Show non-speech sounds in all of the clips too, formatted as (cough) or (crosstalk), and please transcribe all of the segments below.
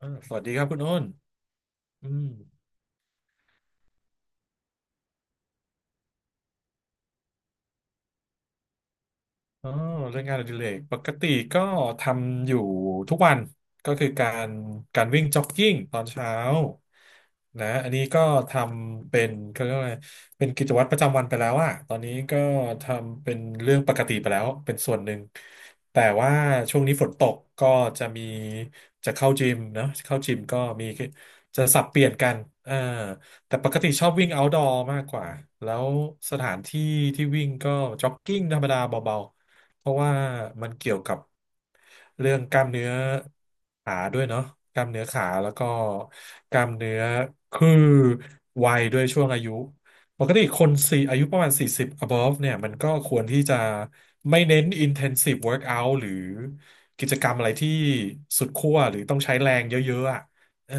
สวัสดีครับคุณโอ้นอืม อ๋อเรื่องงานอดิเรกปกติก็ทำอยู่ทุกวันก็คือการวิ่งจ็อกกิ้งตอนเช้านะอันนี้ก็ทำเป็นเขาเรียกว่าอะไรเป็นกิจวัตรประจำวันไปแล้วอะตอนนี้ก็ทำเป็นเรื่องปกติไปแล้วเป็นส่วนหนึ่งแต่ว่าช่วงนี้ฝนตกก็จะมีจะเข้าจิมเนอะเข้าจิมก็มีจะสับเปลี่ยนกันอ่าแต่ปกติชอบวิ่ง outdoor มากกว่าแล้วสถานที่ที่วิ่งก็จ็อกกิ้งธรรมดาเบา เพราะว่ามันเกี่ยวกับเรื่องกล้ามเนื้อขาด้วยเนาะกล้ามเนื้อขาแล้วก็กล้ามเนื้อคือวัยด้วยช่วงอายุปกติคนสี่อายุประมาณ40 above เนี่ยมันก็ควรที่จะไม่เน้น intensive workout หรือกิจกรรมอะไรที่สุดขั้วหรือต้องใช้แรงเยอะๆอ่ะเออ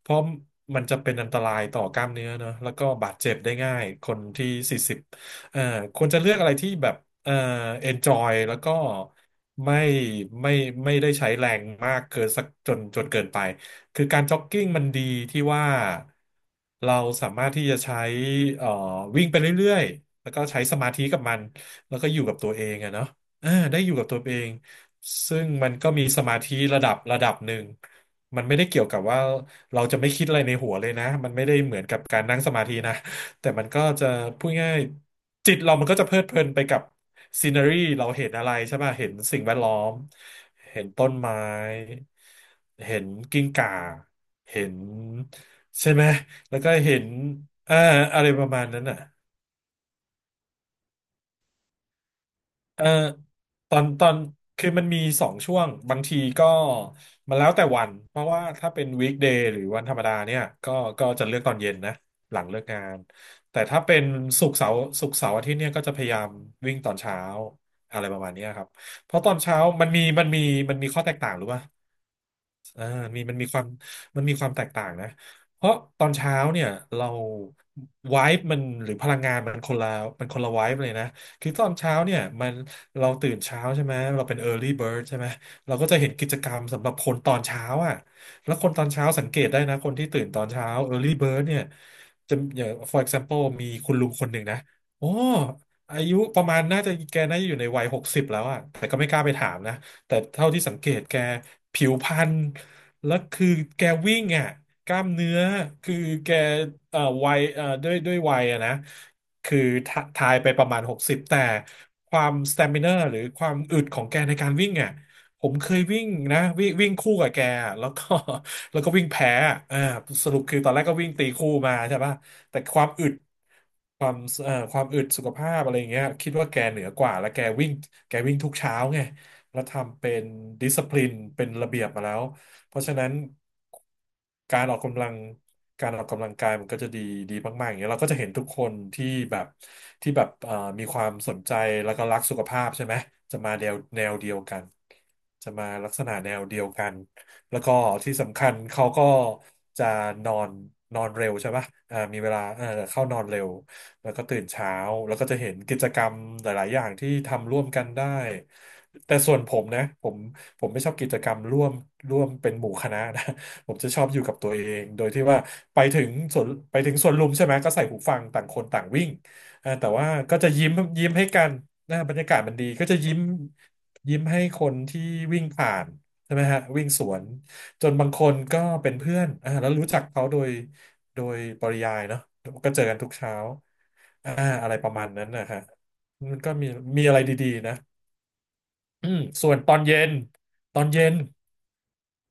เพราะมันจะเป็นอันตรายต่อกล้ามเนื้อเนอะแล้วก็บาดเจ็บได้ง่ายคนที่40 เอ่อควรจะเลือกอะไรที่แบบเอ่อ enjoy แล้วก็ไม่ไม่ไม่ได้ใช้แรงมากเกินสักจนเกินไปคือการจ็อกกิ้งมันดีที่ว่าเราสามารถที่จะใช้เอ่อวิ่งไปเรื่อยๆแล้วก็ใช้สมาธิกับมันแล้วก็อยู่กับตัวเองอะเนาะได้อยู่กับตัวเองซึ่งมันก็มีสมาธิระดับหนึ่งมันไม่ได้เกี่ยวกับว่าเราจะไม่คิดอะไรในหัวเลยนะมันไม่ได้เหมือนกับการนั่งสมาธินะ แต่มันก็จะพูดง่ายจิตเรามันก็จะเพลิดเพลินไปกับซีนารีเราเห็นอะไรใช่ป่ะเห็นสิ่งแวดล้อมเห็นต้นไม้เห็นกิ้งก่าเห็นใช่ไหมแล้วก็เห็นอ่าอะไรประมาณนั้นอ่ะ เอ่อตอนคือมันมีสองช่วงบางทีก็มันแล้วแต่วันเพราะว่าถ้าเป็นวีคเดย์หรือวันธรรมดาเนี่ยก็จะเลือกตอนเย็นนะหลังเลิกงานแต่ถ้าเป็นศุกร์เสาร์อาทิตย์เนี่ยก็จะพยายามวิ่งตอนเช้าอะไรประมาณเนี้ยครับเพราะตอนเช้ามันมีข้อแตกต่างหรือว่าอ่ามีมันมีความมันมีความแตกต่างนะเพราะตอนเช้าเนี่ยเราไวบ์มันหรือพลังงานมันคนละไวบ์เลยนะ คือตอนเช้าเนี่ยมันเราตื่นเช้าใช่ไหมเราเป็น early bird ใช่ไหมเราก็จะเห็นกิจกรรมสำหรับคนตอนเช้าอ่ะแล้วคนตอนเช้าสังเกตได้นะคนที่ตื่นตอนเช้า early bird เนี่ยจะอย่าง for example มีคุณลุงคนหนึ่งนะโอ้อายุประมาณน่าจะอยู่ในวัยหกสิบแล้วอ่ะแต่ก็ไม่กล้าไปถามนะ แต่เท่าที่สังเกตแกผิวพรรณแล้วคือแกวิ่งอ่ะกล้ามเนื้อคือแกวัยด้วยวัยอะนะคือทะทายไปประมาณหกสิบแต่ความสเตม i เนอร์หรือความอึดของแกในการวิ่งอ่ะผมเคยวิ่งนะวิ่งวิ่งคู่กับแกอะแล้วก็ (laughs) แล้วก็วิ่งแพ้อะสรุปคือตอนแรกก็วิ่งตีคู่มาใช่ป่ะแต่ความอึดความความอึดสุขภาพอะไรอย่างเงี้ยคิดว่าแกเหนือกว่าแล้วแกวิ่งทุกเช้าไง แล้วทำเป็นดิสซิปลินเป็นระเบียบมาแล้วเพราะฉะนั้นการออกกำลังการออกกำลังกายมันก็จะดีดีมากๆอย่างเงี้ยเราก็จะเห็นทุกคนที่แบบที่แบบมีความสนใจแล้วก็รักสุขภาพใช่ไหมจะมาแนวเดียวกันจะมาลักษณะแนวเดียวกันแล้วก็ที่สำคัญเขาก็จะนอนนอนเร็วใช่ปะมีเวลาเออเข้านอนเร็ว แล้วก็ตื่นเช้าแล้วก็จะเห็นกิจกรรมหลายๆอย่างที่ทำร่วมกันได้แต่ส่วนผมนะผมไม่ชอบกิจกรรมร่วมร่วมเป็นหมู่คณะนะ (laughs) ผมจะชอบอยู่กับตัวเองโดยที่ว่าไปถึงสวนลุมใช่ไหมก็ใส่หูฟังต่างคนต่างวิ่งแต่ว่าก็จะยิ้มยิ้มให้กันนะบรรยากาศมันดีก็จะยิ้มยิ้มให้คนที่วิ่งผ่านใช่ไหมฮะวิ่งสวนจนบางคนก็เป็นเพื่อนแล้วรู้จักเขาโดย โดยปริยายเนาะก็เจอกันทุกเช้าอ่าอะไรประมาณนั้นนะฮะมันก็มีมีอะไรดีๆนะอืมส่วนตอนเย็นตอนเย็น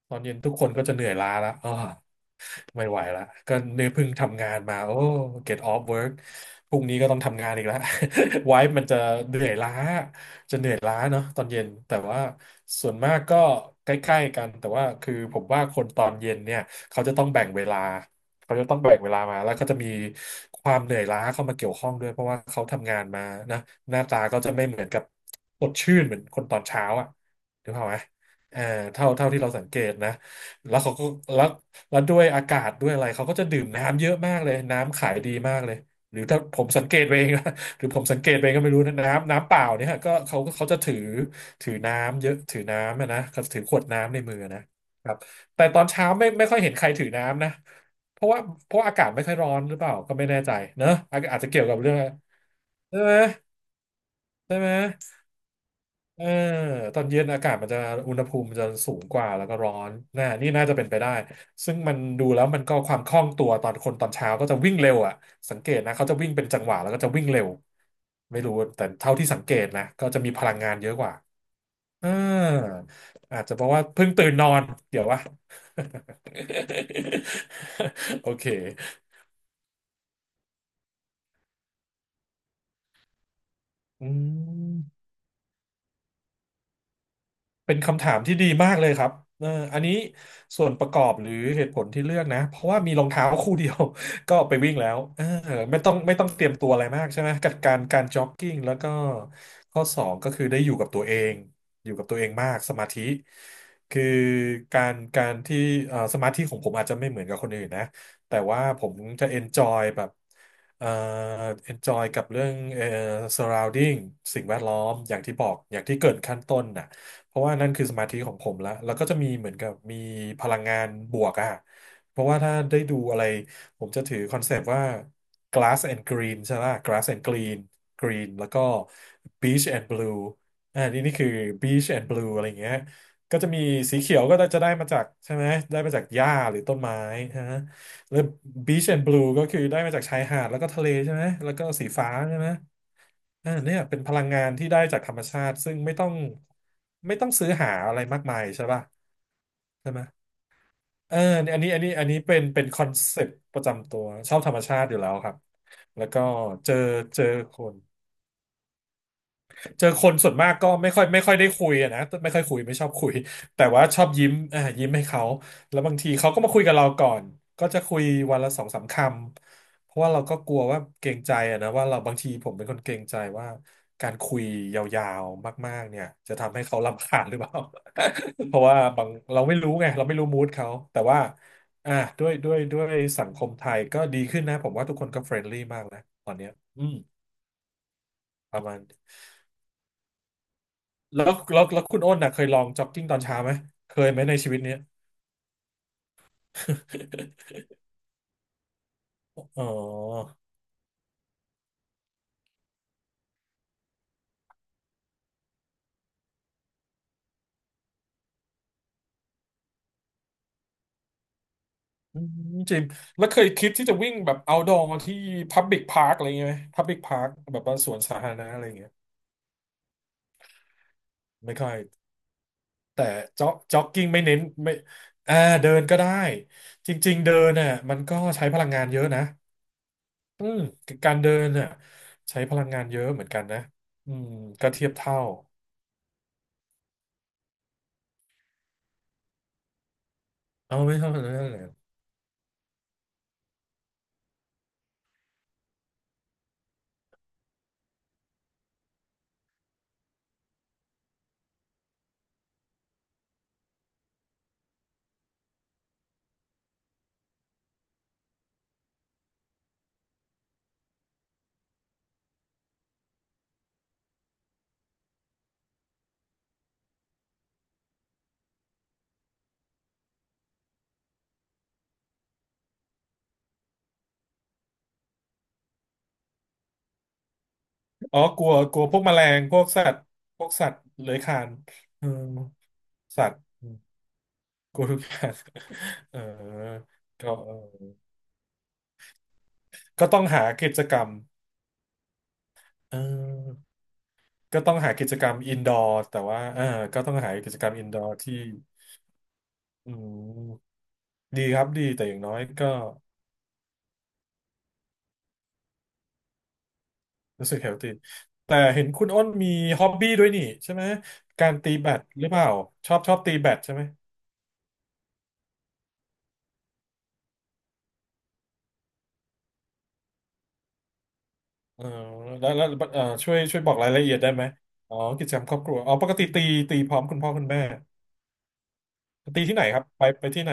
ตอนเย็นทุกคนก็จะเหนื่อยล้าแล้ว ไม่ไหวละก็เนื้อเพิ่งทำงานมาโอ้ get off work พรุ่งนี้ก็ต้องทำงานอีกแล้ว (laughs) ไว้ (laughs) มันจะเหนื่อยล้าจะเหนื่อยล้าเนาะตอนเย็นแต่ว่าส่วนมากก็ใกล้ๆกันแต่ว่าคือผมว่าคนตอนเย็นเนี่ยเขาจะต้องแบ่งเวลาเขาจะต้องแบ่งเวลามาแล้วก็จะมีความเหนื่อยล้าเข้ามาเกี่ยวข้องด้วยเพราะว่าเขาทำงานมานะหน้าตาก็จะไม่เหมือนกับสดชื่นเหมือนคนตอนเช้าอ่ะถูกไหมเออเท่าที่เราสังเกตนะแล้วเขาก็แล้ว แล้วด้วยอากาศด้วยอะไรเขาก็จะดื่มน้ำเยอะมากเลยน้ำขายดีมากเลยหรือถ้าผมสังเกตไปเองนะ (laughs) หรือผมสังเกตไปเองก็ไม่รู้นะน้ำเปล่าเนี่ยฮะก็เขาจะถือถือน้ำเยอะถือน้ำอะนะเขาจะถือขวดน้ำในมือนะครับแต่ตอนเช้าไม่ค่อยเห็นใครถือน้ำนะเพราะว่าเพราะอากาศไม่ค่อยร้อนหรือเปล่าก็ไม่แน่ใจเนอะอาจจะเกี่ยวกับเรื่องใช่ไหมใช่ไหม เออตอนเย็นอากาศมันจะอุณหภูมิมันจะสูงกว่าแล้วก็ร้อนน่ะนี่น่าจะเป็นไปได้ซึ่งมันดูแล้วมันก็ความคล่องตัวตอนคนตอนเช้าก็จะวิ่งเร็วอ่ะสังเกตนะเขาจะวิ่งเป็นจังหวะแล้วก็จะวิ่งเร็วไม่รู้แต่เท่าที่สังเกตนะก็จะมีพลังงานเยอะกว่าเอออาจจะเพราะว่าเพิ่งตื่นนอนเดี๋ยววะ (laughs) โอเคอืม เป็นคำถามที่ดีมากเลยครับเอออันนี้ส่วนประกอบหรือเหตุผลที่เลือกนะ เพราะว่ามีรองเท้าคู่เดียว (laughs) ก็ไปวิ่งแล้วเออไม่ต้องเตรียมตัวอะไรมากใช่ไหมกับการจ็อกกิ้งแล้วก็ข้อสองก็คือได้อยู่กับตัวเอง อยู่กับตัวเองมากสมาธิ คือการที่สมาธิของผมอาจจะไม่เหมือนกับคนอื่นนะ แต่ว่าผมจะเอนจอยแบบเอ่อเอนจอยกับเรื่องsurrounding สิ่งแวดล้อมอย่างที่บอกอย่างที่เกริ่นขั้นต้นนะ เพราะว่านั่นคือสมาธิของผมละแล้วก็จะมีเหมือนกับมีพลังงานบวกอะเพราะว่าถ้าได้ดูอะไร ผมจะถือคอนเซปต์ว่า glass and green ใช่ไหม glass and green green แล้วก็ beach and blue อ่านี่นี่คือ beach and blue อะไรอย่างเงี้ยก็จะมีสีเขียวก็จะได้มาจากใช่ไหม ได้มาจากหญ้าหรือต้นไม้ฮะ แล้วบีชแอนด์บลูก็คือได้มาจากชายหาดแล้วก็ทะเลใช่ไหมแล้วก็สีฟ้าใช่ไหมอ่าเนี่ยเป็นพลังงานที่ได้จากธรรมชาติซึ่งไม่ต้องซื้อหาอะไรมากมายใช่ป่ะใช่ไหมเอออันนี้เป็นคอนเซ็ปต์ประจำตัวชอบธรรมชาติอยู่แล้วครับแล้วก็เจอเจอคน เจอคนส่วนมากก็ไม่ค่อยได้คุยอะนะไม่ค่อยคุยไม่ชอบคุยแต่ว่าชอบยิ้มอ่ายิ้มให้เขาแล้วบางทีเขาก็มาคุยกับเราก่อนก็จะคุยวันละสองสามคำเพราะว่าเราก็กลัวว่าเกรงใจอะนะว่าเราบางทีผมเป็นคนเกรงใจว่าการคุยยาวๆมากๆเนี่ยจะทำให้เขารำคาญหรือเปล่า (laughs) เพราะว่าบางเราไม่รู้ไงเราไม่รู้มูดเขาแต่ว่าอ่าด้วยสังคมไทยก็ดีขึ้นนะผมว่าทุกคนก็เฟรนลี่มากนะตอนเนี้ยอืมประมาณ แล้วคุณอ้นน่ะเคยลองจ็อกกิ้งตอนเช้าไหมเคยไหมในชีวิตเนี้ย (laughs) อ๋ออืมจริงแล้วเคยคิดที่จะวิ่งแบบเอา d o ดมาที่พ u b l i c p าร์คอะไรเงี้ยไหมพับ c p าร์คแบบว่าสวนสาธารณะอะไรเงี้ยไม่ค่อยแต่จ็อกกิ้งไม่เน้นไม่อ่าเดินก็ได้จริงๆเดินน่ะมันก็ใช้พลังงานเยอะนะอืมการเดินน่ะใช้พลังงานเยอะเหมือนกันนะอืมก็เทียบเท่าเอาไม่เท่านั้นเลย อ๋อกลัวกลัวพวกแมลงพวกสัตว์พวกสัตว์เลื้อยคลานอืมสัตว์อืมกลัวทุกอย่าง (laughs) เออก็เออก็ต้องหากิจกรรมเออก็ต้องหากิจกรรมอินดอร์แต่ว่าเออก็ต้องหากิจกรรมอินดอร์ที่อืมดีครับดีแต่อย่างน้อยก็รู้สึกเฮลตี้แต่เห็นคุณอ้นมีฮ็อบบี้ด้วยนี่ใช่ไหมการตีแบดหรือเปล่าชอบตีแบดใช่ไหม เออแล้วแล้วเออช่วยบอกรายละเอียดได้ไหมอ๋อกิจกรรมครอบครัวอ๋อปกติตีพร้อมคุณพ่อคุณแม่ตีที่ไหนครับไปที่ไหน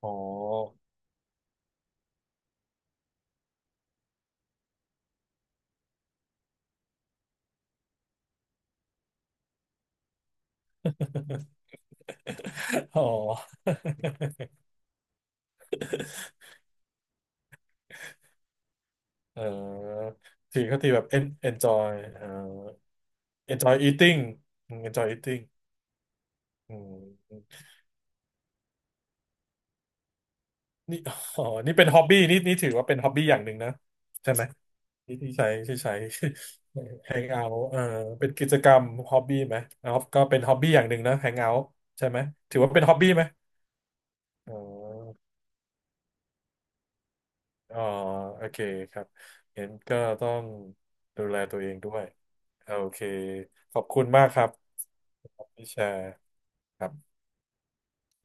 อ๋อ (laughs) อ๋อเออตีก็ตีแบบ enjoy เอ่อ enjoy eating อืม enjoy eating อืมนี่ (laughs) อ๋อนี่เป็นฮอบบี้นี่ถือว่าเป็นฮอบบี้อย่างหนึ่งนะใช่ไหมที่ใช้ (laughs) hang out เออเป็นกิจกรรมฮอบบี้ไหมอ๋อก็เป็นฮอบบี้อย่างหนึ่งนะ hang อ u t ใช่ไหมถือว่าเป็นฮอบบี้ไหม อ๋ออ๋อโอเคครับ เห็นก็ต้องดูแลตัวเองด้วย โอเคขอบคุณมากครับที่แชร์ครับ